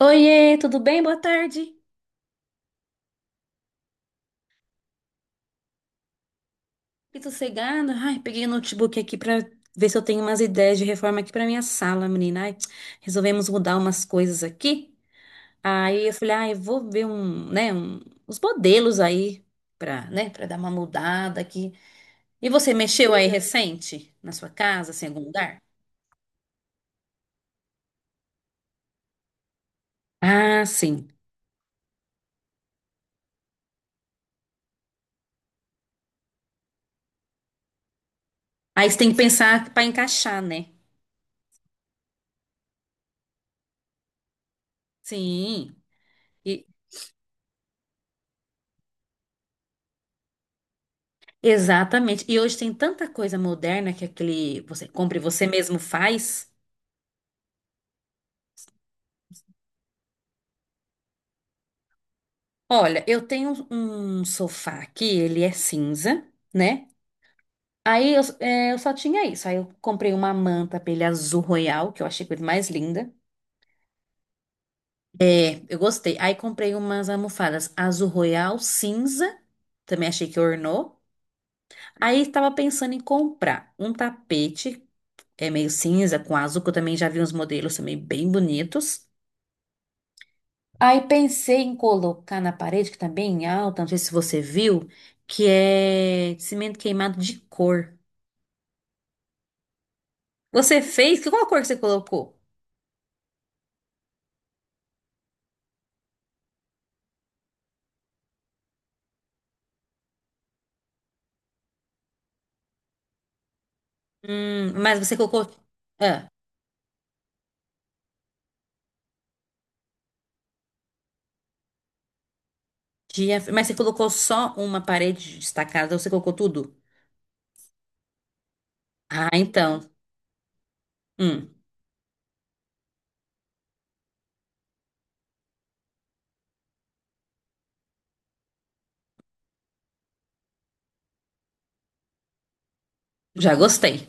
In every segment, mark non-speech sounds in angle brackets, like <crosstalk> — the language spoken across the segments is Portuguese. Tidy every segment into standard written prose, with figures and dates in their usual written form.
Oiê, tudo bem? Boa tarde. Que sossegada. Ai, peguei o notebook aqui pra ver se eu tenho umas ideias de reforma aqui pra minha sala, menina. Ai, resolvemos mudar umas coisas aqui. Aí eu falei, ai, eu vou ver uns modelos aí pra, né, para dar uma mudada aqui. E você mexeu aí recente na sua casa, assim, em algum lugar? Ah, sim. Aí você tem que pensar pra encaixar, né? Sim. E- Exatamente. E hoje tem tanta coisa moderna que aquele você compra e você mesmo faz. Olha, eu tenho um sofá aqui, ele é cinza, né? Aí eu, é, eu só tinha isso. Aí eu comprei uma manta pra ele azul royal, que eu achei a coisa mais linda. É, eu gostei. Aí comprei umas almofadas azul royal, cinza, também achei que ornou. Aí tava pensando em comprar um tapete, é meio cinza com azul, que eu também já vi uns modelos também bem bonitos. Aí pensei em colocar na parede, que tá bem alta, não sei se você viu, que é cimento queimado de cor. Você fez? Qual a cor que você colocou? Mas você colocou. Ah, dia, mas você colocou só uma parede destacada ou você colocou tudo? Ah, então. Hum, já gostei.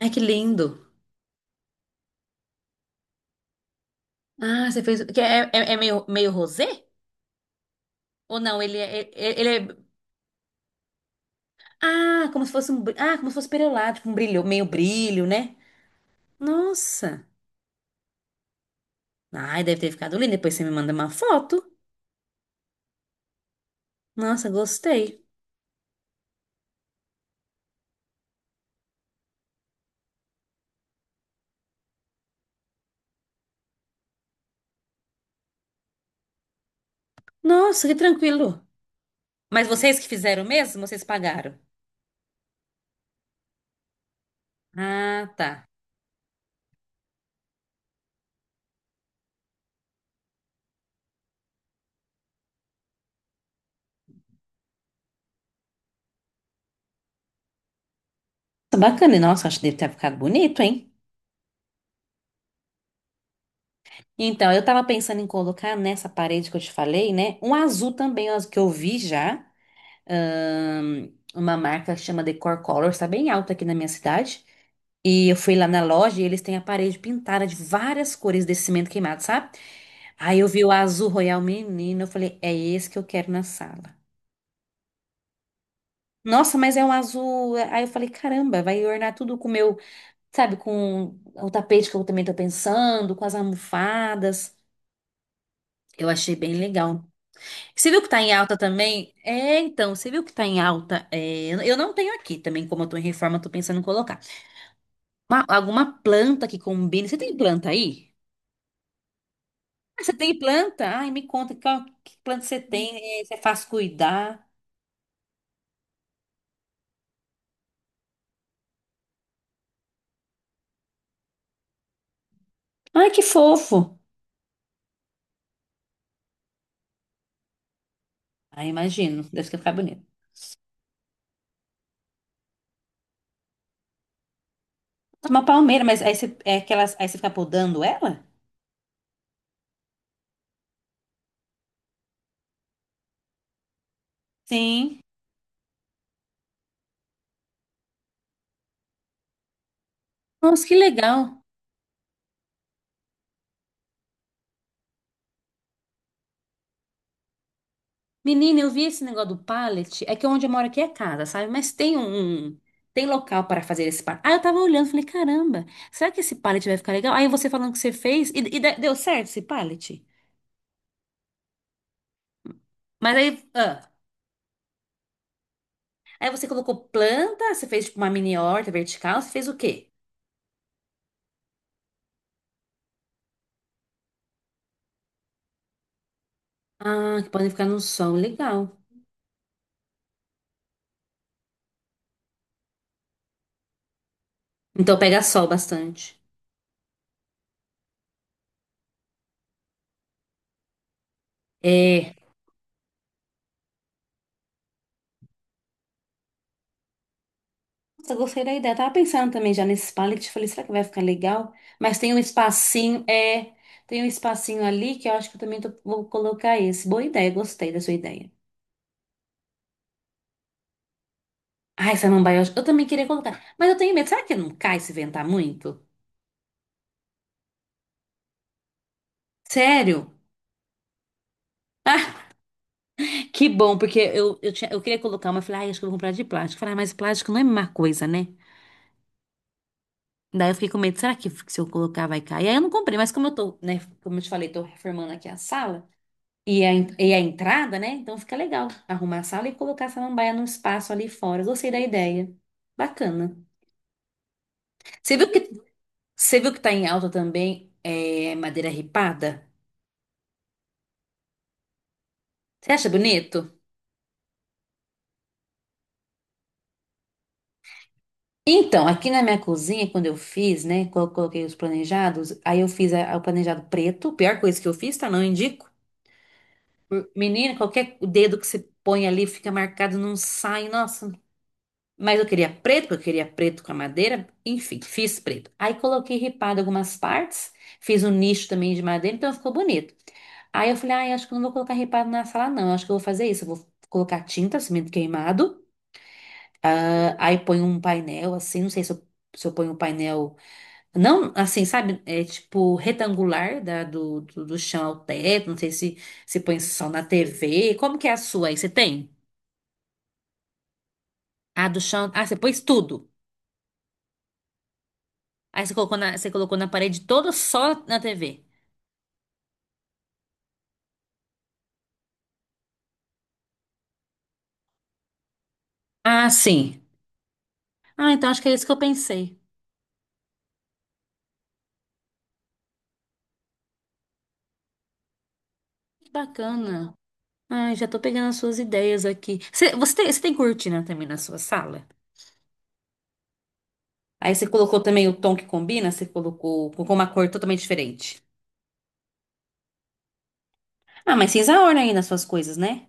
Ai, que lindo. Ah, você fez. Que É, é, é meio, meio rosé? Ou não? Ele é, ele é. Ah, como se fosse um. Br- Ah, como se fosse perolado, tipo um brilho, meio brilho, né? Nossa. Ai, deve ter ficado lindo. Depois você me manda uma foto. Nossa, gostei. Nossa, que tranquilo. Mas vocês que fizeram mesmo, vocês pagaram? Ah, tá. Tá bacana, e nossa, acho que deve ter ficado bonito, hein? Então, eu tava pensando em colocar nessa parede que eu te falei, né? Um azul também, ó, que eu vi já. ahn, uma marca que chama Decor Colors, tá bem alta aqui na minha cidade. E eu fui lá na loja e eles têm a parede pintada de várias cores desse cimento queimado, sabe? Aí eu vi o azul royal menino, eu falei, é esse que eu quero na sala. Nossa, mas é um azul. Aí eu falei, caramba, vai ornar tudo com o meu, sabe, com o tapete que eu também tô pensando, com as almofadas. Eu achei bem legal. Você viu que tá em alta também? É, então, você viu que tá em alta? É, eu não tenho aqui também, como eu tô em reforma, eu tô pensando em colocar. Alguma planta que combine. Você tem planta aí? Ah, você tem planta? Ai, me conta que planta você tem, é, você faz cuidar. Ai, que fofo. Ai, imagino, deve ficar bonito. Tá. Uma palmeira, mas aí você, é aquelas, aí você fica podando ela? Sim. Nossa, que legal. Menina, eu vi esse negócio do pallet. É que onde eu moro aqui é casa, sabe? Tem local para fazer esse pallet. Ah, eu tava olhando, falei, caramba, será que esse pallet vai ficar legal? Aí você falando que você fez, e, deu certo esse pallet? Mas aí. ah, Aí você colocou planta, você fez tipo uma mini horta vertical, você fez o quê? Ah, que podem ficar no sol, legal. Então pega sol bastante. É. Nossa, eu gostei da ideia. Tava pensando também já nesse pallet. Falei, será que vai ficar legal? Mas tem um espacinho, é, tem um espacinho ali que eu acho que eu também vou colocar esse. Boa ideia, gostei da sua ideia. Ai, samambaia, eu acho- Eu também queria colocar. Mas eu tenho medo. Será que não cai se ventar muito? Sério? Ah, que bom, porque tinha, eu queria colocar uma. Eu falei, ai, acho que eu vou comprar de plástico. Eu falei, ah, mas plástico não é uma coisa, né? Daí eu fiquei com medo, será que se eu colocar vai cair? Aí eu não comprei, mas como eu tô, né, como eu te falei, tô reformando aqui a sala. E a entrada, né? Então fica legal arrumar a sala e colocar a samambaia num espaço ali fora. Gostei da ideia. Bacana. Você viu que, Você viu que tá em alta também é, madeira ripada? Você acha bonito? Então, aqui na minha cozinha, quando eu fiz, né? Quando eu coloquei os planejados, aí eu fiz o planejado preto. Pior coisa que eu fiz, tá? Não indico. Menina, qualquer dedo que você põe ali fica marcado, não sai. Nossa, mas eu queria preto, porque eu queria preto com a madeira. Enfim, fiz preto. Aí coloquei ripado algumas partes, fiz um nicho também de madeira, então ficou bonito. Aí eu falei, ai, acho que eu não vou colocar ripado na sala, não. Acho que eu vou fazer isso. Eu vou colocar tinta, cimento queimado. Aí ponho um painel, assim, não sei se eu, se eu ponho um painel. Não, assim, sabe? É tipo retangular da, do chão ao teto. Não sei se, se põe só na TV. Como que é a sua aí? Você tem? Ah, do chão. Ah, você pôs tudo. Aí você colocou na parede toda só na TV. Ah, sim. Ah, então acho que é isso que eu pensei. Que bacana. Ai, já tô pegando as suas ideias aqui. Você tem, você tem cortina também na sua sala? Aí você colocou também o tom que combina, você colocou, colocou uma cor totalmente diferente. Ah, mas cinza orna aí nas suas coisas, né?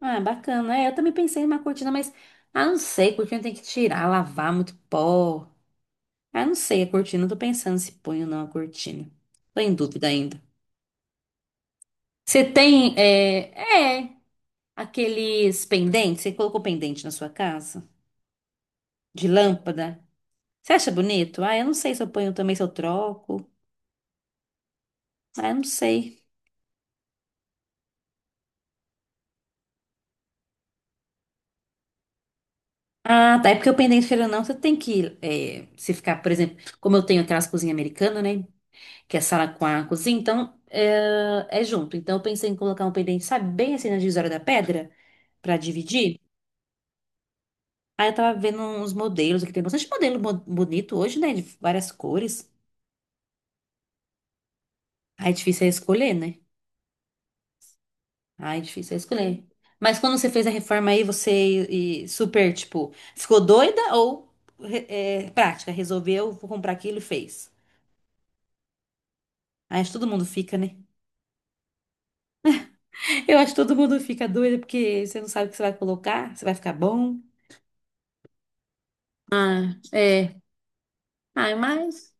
Ah, bacana. É, eu também pensei em uma cortina, mas. Ah, não sei, cortina tem que tirar, lavar, muito pó. Ah, não sei, a cortina, eu tô pensando se põe ou não a cortina. Tô em dúvida ainda. Você tem. É, é. Aqueles pendentes, você colocou pendente na sua casa? De lâmpada? Você acha bonito? Ah, eu não sei se eu ponho também, se eu troco. Ah, eu não sei. Ah, tá. É porque o pendente, querendo ou não, você tem que é, se ficar, por exemplo, como eu tenho aquelas cozinhas americanas, né? Que é sala com a cozinha, então é, é junto. Então eu pensei em colocar um pendente, sabe, bem assim na divisória da pedra, pra dividir. Aí eu tava vendo uns modelos, que tem bastante modelo bonito hoje, né? De várias cores. Aí é difícil é escolher, né? Ai, difícil é escolher. Mas quando você fez a reforma aí, você e super, tipo, ficou doida ou é, prática? Resolveu, vou comprar aquilo e fez. Aí acho que todo mundo fica, né? <laughs> Eu acho que todo mundo fica doido porque você não sabe o que você vai colocar, se vai ficar bom. Ah, é. Ai, mas.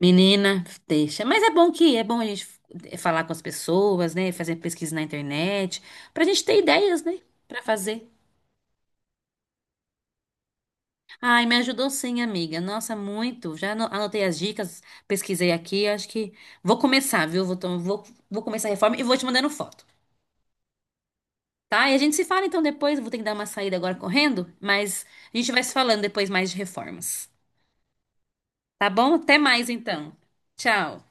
Menina, deixa. Mas é bom que é bom a gente falar com as pessoas, né? Fazer pesquisa na internet, pra gente ter ideias, né? Pra fazer. Ai, me ajudou sim, amiga. Nossa, muito. Já anotei as dicas, pesquisei aqui. Acho que vou começar, viu? Vou começar a reforma e vou te mandando foto, tá? E a gente se fala então depois. Vou ter que dar uma saída agora correndo, mas a gente vai se falando depois mais de reformas. Tá bom? Até mais então. Tchau.